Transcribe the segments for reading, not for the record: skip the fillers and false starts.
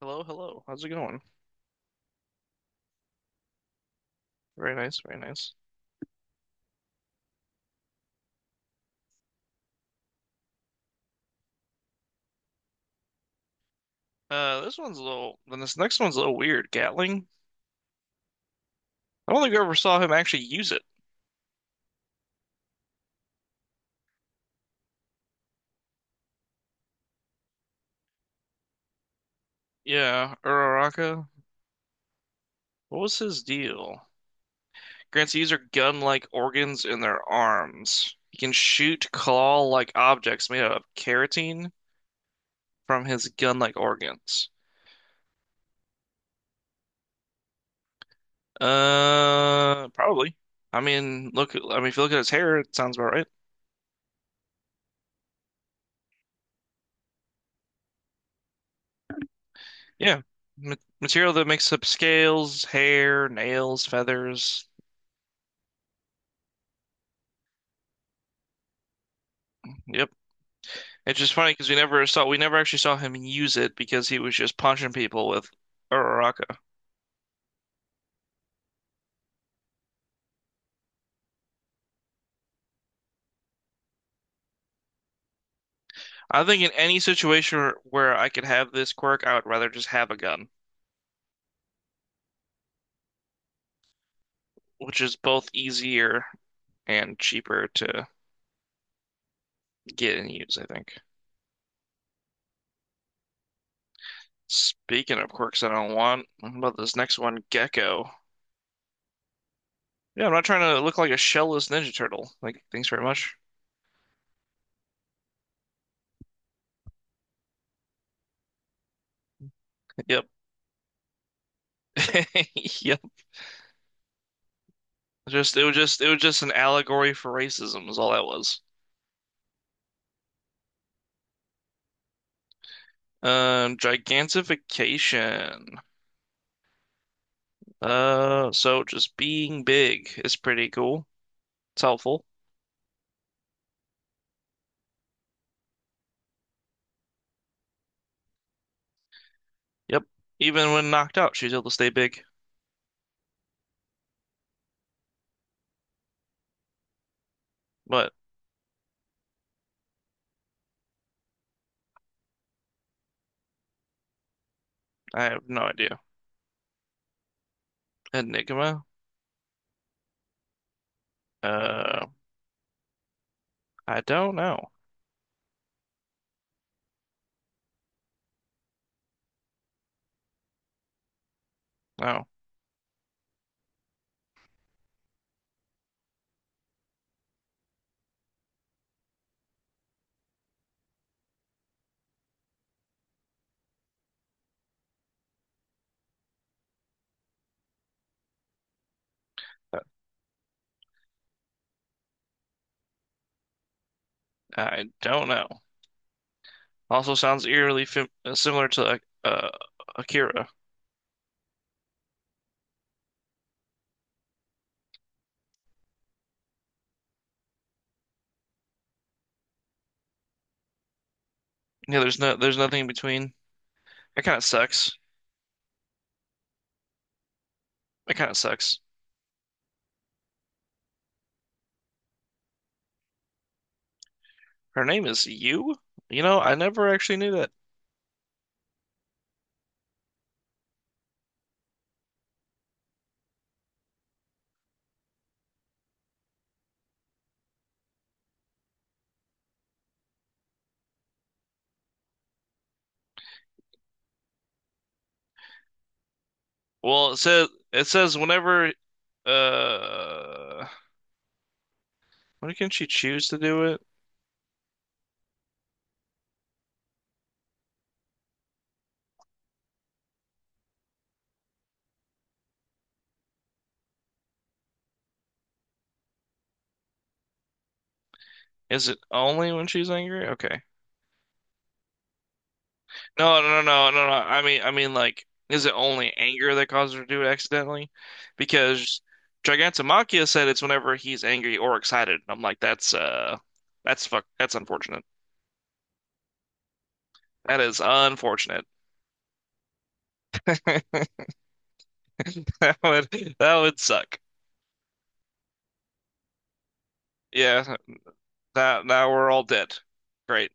Hello, hello. How's it going? Very nice, very nice. This one's a little, then this next one's a little weird. Gatling. I don't think I ever saw him actually use it. Yeah, Uraraka. What was his deal? Grants the user gun-like organs in their arms. He can shoot claw-like objects made out of keratin from his gun-like organs. Probably. I mean, look. I mean, if you look at his hair, it sounds about right. Yeah. Ma- Material that makes up scales, hair, nails, feathers. Yep. It's just funny because we never actually saw him use it because he was just punching people with Uraraka. I think in any situation where I could have this quirk, I would rather just have a gun, which is both easier and cheaper to get and use, I think. Speaking of quirks I don't want, what about this next one, Gecko? Yeah, I'm not trying to look like a shellless Ninja Turtle. Like, thanks very much. Yep. Yep. Just it was just It was just an allegory for racism is all that was. Gigantification. So just being big is pretty cool. It's helpful. Yep. Even when knocked out, she's able to stay big. But I have no idea. Enigma? Uh, I don't know. No, I don't know. Also sounds eerily fam similar to like, Akira. Yeah, there's nothing in between. That kind of sucks. That kind of sucks. Her name is Yu? You know, I never actually knew that. Well, it says whenever uh when can she choose to do it? Is it only when she's angry? Okay. No, no, no, no, no, no. I mean like is it only anger that causes her to do it accidentally? Because Gigantomachia said it's whenever he's angry or excited. I'm like that's fuck that's unfortunate. That is unfortunate. That would that would suck. Yeah, now we're all dead. Great.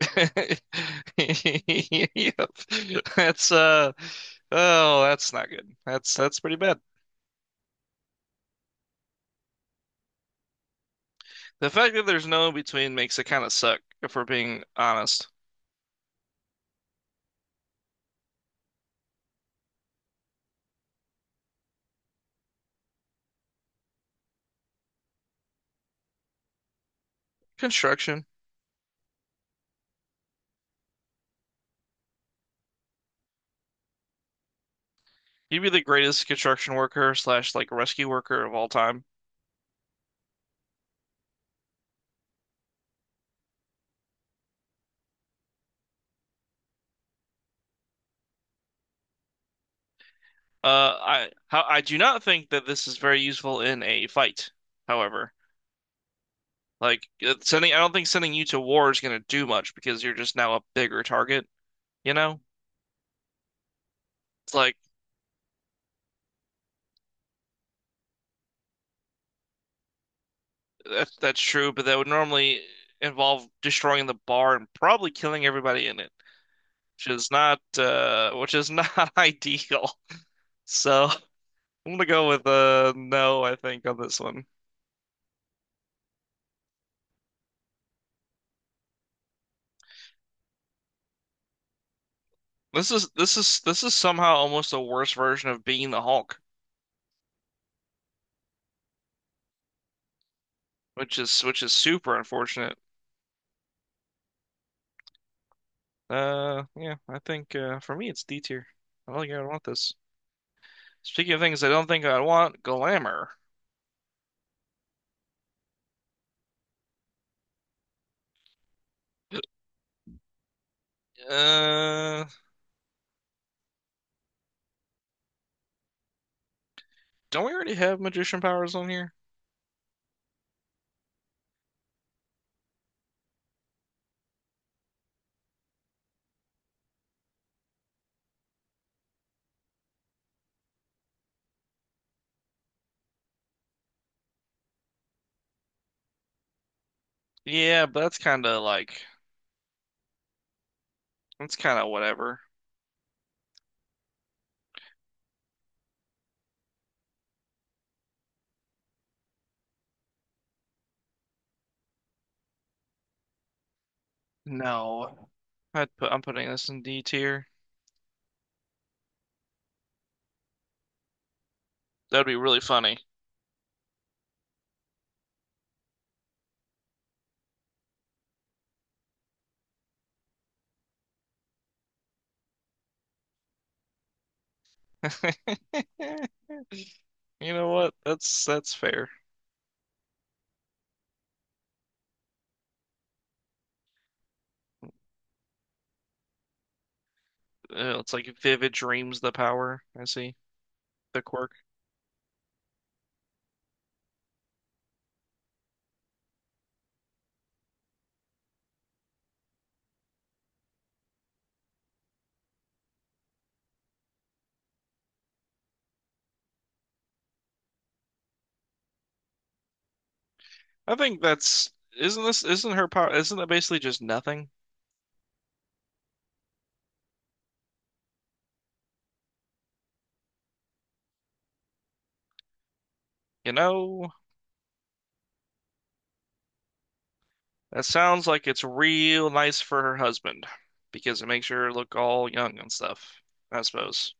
Yep. That's uh oh, that's not good. That's pretty bad. The fact that there's no in between makes it kind of suck, if we're being honest. Construction. You'd be the greatest construction worker slash like rescue worker of all time. I do not think that this is very useful in a fight, however. Like sending I don't think sending you to war is gonna do much because you're just now a bigger target, you know? It's like. That's true, but that would normally involve destroying the bar and probably killing everybody in it, which is not ideal. So I'm gonna go with no, I think on this one. This is this is somehow almost a worse version of being the Hulk, which is super unfortunate. Yeah, I think for me it's D tier. I don't think I'd want this. Speaking of things I don't think I'd want, glamour. Uh, don't we already have magician powers on here? Yeah, but that's kind of whatever. No, I'm putting this in D tier. That'd be really funny. You know what? That's fair. It's like vivid dreams the power. I see the quirk. I think that's isn't her power? Isn't that basically just nothing? You know, that sounds like it's real nice for her husband because it makes her look all young and stuff, I suppose.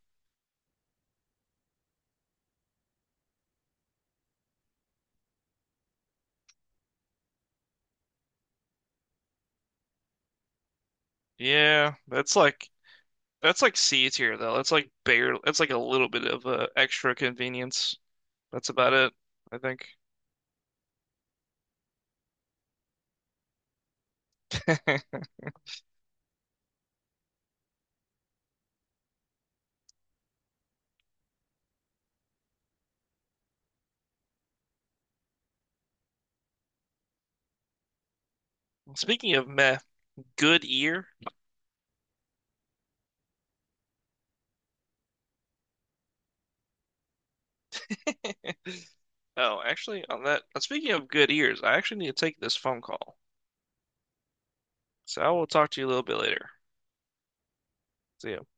Yeah, that's like C tier though. That's like barely. That's like a little bit of extra convenience. That's about it, I think. Speaking of meh, good ear. Oh, actually, on that. Speaking of good ears, I actually need to take this phone call. So I will talk to you a little bit later. See ya.